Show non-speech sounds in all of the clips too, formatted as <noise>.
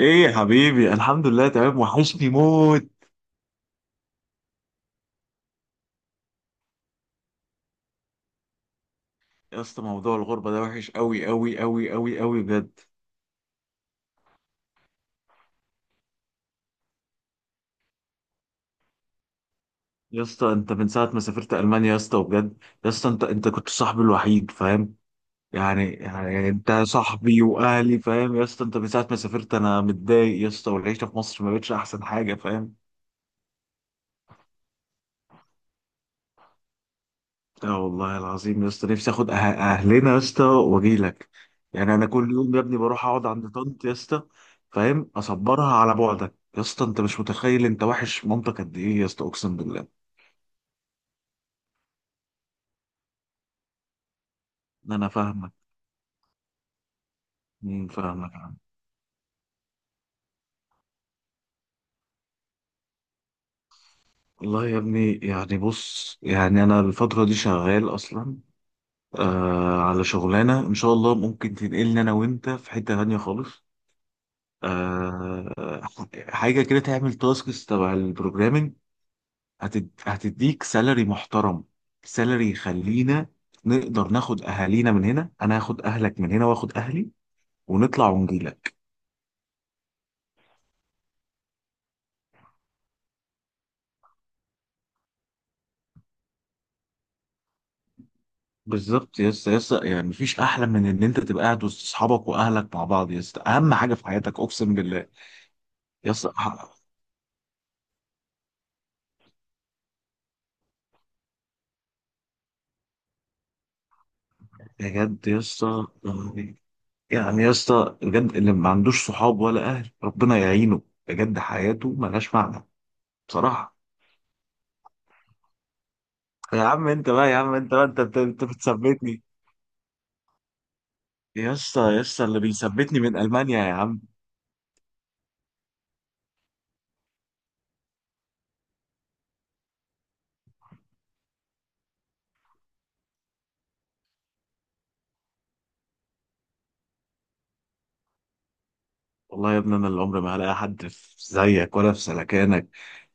ايه يا حبيبي، الحمد لله تمام، وحشني موت. يا اسطى، موضوع الغربه ده وحش قوي قوي قوي قوي قوي بجد. يا اسطى، انت من ساعه ما سافرت المانيا يا اسطى وبجد. يا اسطى، انت كنت صاحبي الوحيد، فاهم؟ يعني انت صاحبي واهلي، فاهم؟ يا اسطى، انت من ساعه ما سافرت انا متضايق يا اسطى، والعيشه في مصر ما بقتش احسن حاجه، فاهم؟ اه والله العظيم يا اسطى، نفسي اخد اهلنا يا اسطى واجي لك. يعني انا كل يوم يا ابني بروح اقعد عند طنط يا اسطى. فاهم، اصبرها على بعدك. يا اسطى، انت مش متخيل انت وحش مامتك قد ايه يا اسطى، اقسم بالله. انا فاهمك. فاهمك يا عم. والله يا ابني، يعني بص، يعني انا الفتره دي شغال اصلا. على شغلانه ان شاء الله ممكن تنقلني انا وانت في حته تانيه خالص. آه حاجه كده تعمل تاسكس تبع البروجرامينج. هتديك سالري محترم. سالري يخلينا نقدر ناخد اهالينا من هنا، انا هاخد اهلك من هنا واخد اهلي ونطلع ونجيلك. بالظبط يا اسطى، يا اسطى يعني مفيش احلى من ان انت تبقى قاعد وسط اصحابك واهلك مع بعض. يا اسطى، اهم حاجه في حياتك، اقسم بالله. يا اسطى، بجد يا اسطى يعني. يعني يا اسطى بجد، اللي ما عندوش صحاب ولا اهل ربنا يعينه. بجد حياته ملهاش معنى. بصراحه. يا عم انت بقى، يا عم انت بقى، انت انت أنت بتثبتني. يا اسطى، يا اسطى اللي بيثبتني من المانيا يا عم. والله يا ابني، انا اللي عمري ما هلاقي حد في زيك ولا في سلكانك.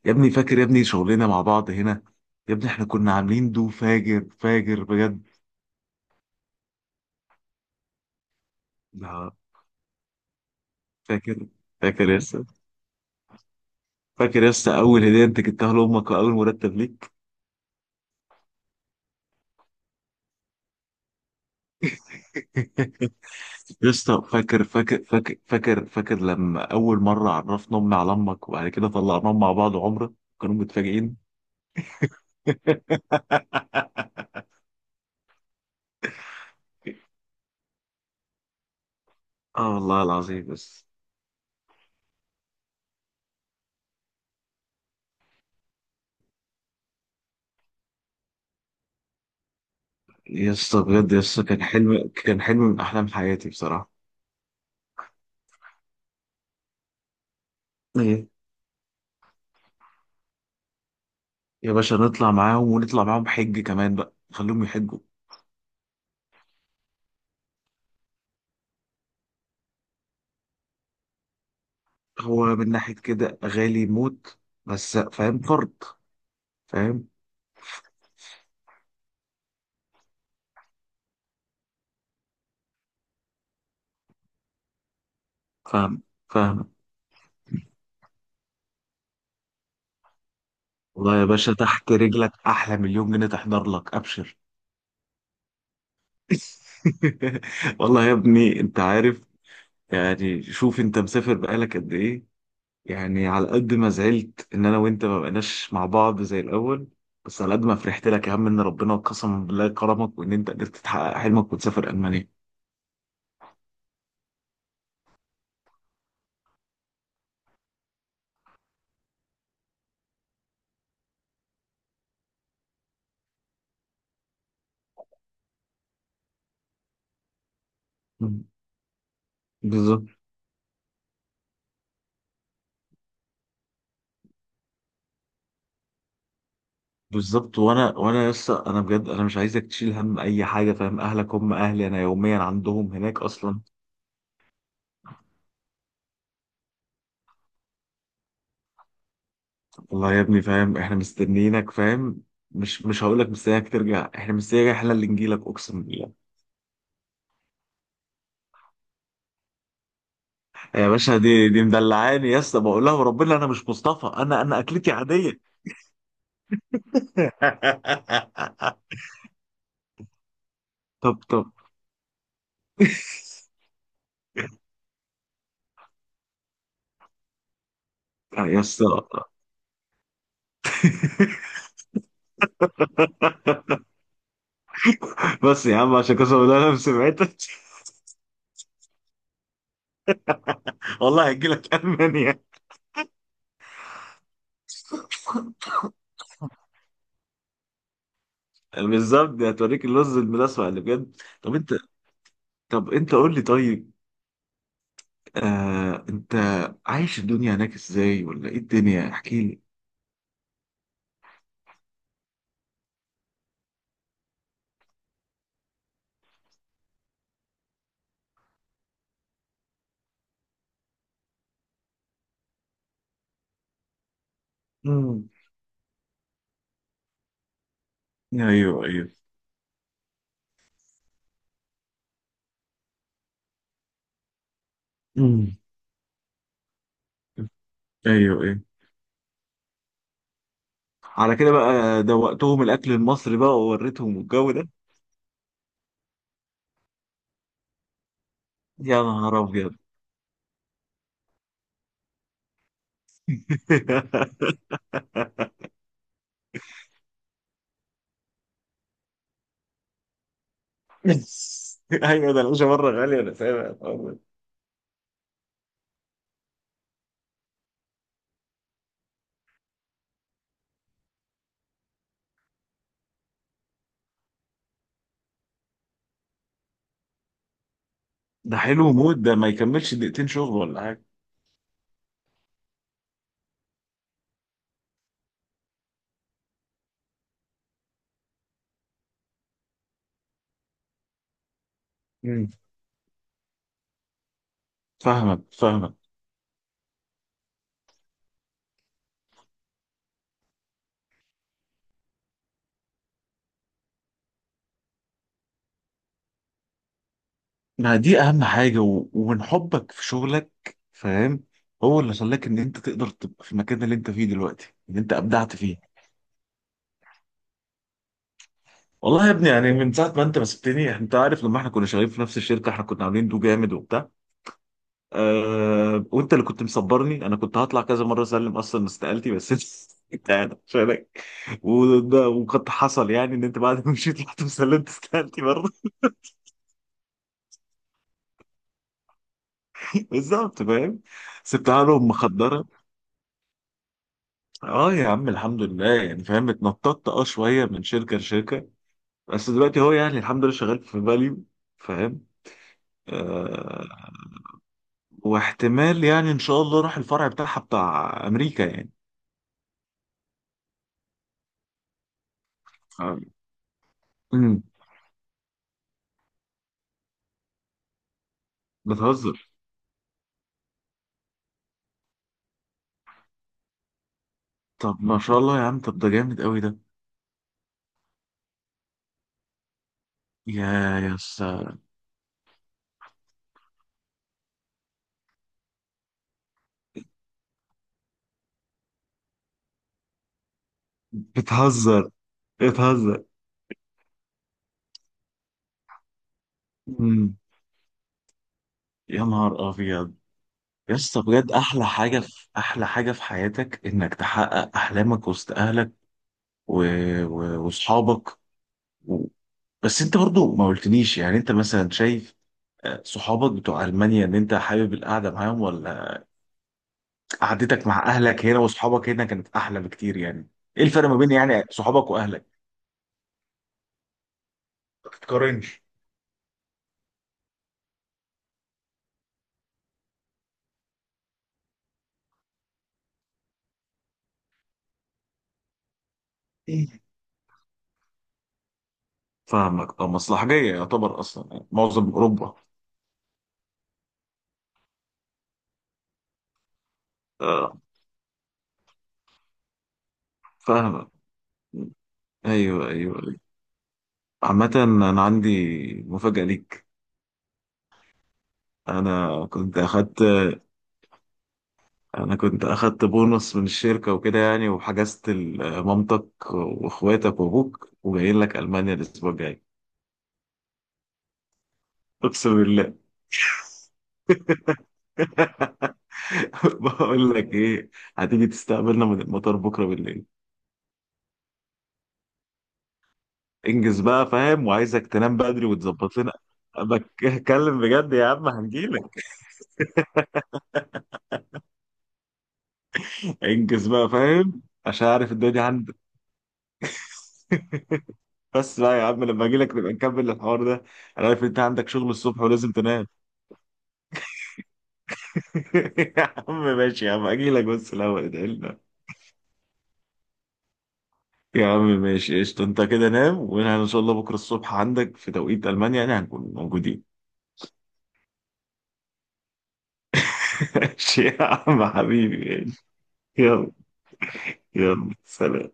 يا ابني فاكر يا ابني شغلنا مع بعض هنا. يا ابني احنا كنا عاملين دو فاجر فاجر بجد. لا. فاكر. فاكر يا اسطى. فاكر يا اسطى، اول هديه انت جبتها لامك واول مرتب ليك. <laughs> يا اسطى فاكر فاكر فاكر فاكر فاكر لما اول مره عرفنا امي على امك وبعد كده طلعناهم مع بعض عمره. كانوا متفاجئين. <laughs> اه والله العظيم بس. يا اسطى بجد، يا اسطى كان حلم، كان حلم من احلام حياتي بصراحه. ايه. يا باشا نطلع معاهم، ونطلع معاهم حج كمان بقى، خليهم يحجوا. هو من ناحيه كده غالي موت. بس فاهم فرض. فاهم. فاهم. فاهم. والله يا باشا، تحت رجلك احلى مليون جنيه تحضر لك، ابشر. <laughs> والله يا ابني انت عارف. يعني شوف، انت مسافر بقالك قد ايه. يعني على قد ما زعلت ان انا وانت ما بقناش مع بعض زي الاول، بس على قد ما فرحت لك يا عم، ان ربنا قسما بالله كرمك، وان انت قدرت تحقق حلمك وتسافر المانيا. مم. بالظبط. بالظبط، وانا لسه انا بجد انا مش عايزك تشيل هم اي حاجه، فاهم؟ اهلك هم اهلي، انا يوميا عندهم هناك اصلا. والله يا ابني فاهم، احنا مستنيينك فاهم. مش هقول لك مستنيك ترجع، احنا مستنيك، احنا اللي نجيلك اقسم بالله. يا باشا، دي مدلعاني يا اسطى، بقول لها وربنا انا مش مصطفى، انا اكلتي عاديه. <laughs> طب طب. آه يا اسطى. <laughs> بس يا عم، عشان قسما بالله انا سمعتك. والله هجيلك المانيا. بالظبط، دي هتوريك اللوز الملاسع اللي بجد. طب انت. طب انت قول لي، طيب. انت عايش الدنيا هناك ازاي، ولا ايه الدنيا احكي لي. امم. ايوه ايوه. امم. ايوه ايوه. على كده بقى دوقتهم الاكل المصري بقى ووريتهم الجو ده. يا نهار ابيض. <laughs> ايوه، ده العيشه بره غاليه انا فاهم يا طارق. ده حلو موت، ده ما يكملش دقيقتين شغل ولا حاجه. مم. فاهمك فاهمك. ما دي اهم حاجه، ومن حبك في شغلك، فاهم، هو اللي خلاك ان انت تقدر تبقى في المكان اللي انت فيه دلوقتي، اللي انت ابدعت فيه. والله يا ابني يعني من ساعه ما انت ما سبتني، انت عارف لما احنا كنا شغالين في نفس الشركه احنا كنا عاملين دو جامد وبتاع. أه، وانت اللي كنت مصبرني، انا كنت هطلع كذا مره اسلم اصلا استقالتي بس انت. <laughs> انت قاعد عشانك. وده وقد حصل يعني ان انت بعد ما مشيت رحت وسلمت استقالتي برضه. <laughs> بالظبط، فاهم. سبتها لهم مخدره. اه يا عم الحمد لله، يعني فاهم اتنططت شويه من شركه لشركه. بس دلوقتي هو يعني الحمد لله شغال في فاليو. فاهم. أه. واحتمال يعني ان شاء الله راح الفرع بتاعها بتاع امريكا يعني. آه. امم. بتهزر. طب ما شاء الله يا عم، طب ده جامد قوي ده. يا يا اسطى. بتهزر. بتهزر. أمم، يا نهار ابيض. يا اسطى بجد، احلى حاجه في حياتك انك تحقق احلامك وسط اهلك و... واصحابك. و... بس انت برضو ما قلتليش يعني انت مثلا شايف صحابك بتوع المانيا ان انت حابب القعده معاهم، ولا قعدتك مع اهلك هنا واصحابك هنا كانت احلى بكتير يعني. ايه الفرق ما بين يعني صحابك واهلك؟ ما تتقارنش. فاهمك، مصلحجية يعتبر أصلا يعني معظم أوروبا. آه فاهمك. أيوه أيوه أيوه. عامة، أنا عندي مفاجأة ليك. أنا كنت أخدت أنا كنت أخدت بونص من الشركة وكده يعني، وحجزت مامتك وإخواتك وأبوك، وجايين لك ألمانيا الأسبوع الجاي. أقسم بالله. <laughs> بقول لك إيه، هتيجي تستقبلنا من المطار بكرة بالليل. انجز بقى، فاهم، وعايزك تنام بدري وتظبط لنا. بتكلم بجد يا عم، هنجيلك. انجز بقى فاهم عشان عارف الدنيا عندك. <laughs> بس بقى يا عم، لما اجي لك نبقى نكمل الحوار ده. انا عارف انت عندك شغل الصبح ولازم تنام. <laughs> يا عم ماشي، يا عم اجي لك بس الاول ادعيلنا. يا عم ماشي، قشطة، انت كده نام وانا ان شاء الله بكره الصبح عندك في توقيت المانيا يعني هنكون موجودين. <laughs> ماشي يا عم حبيبي. يلا. يلا سلام.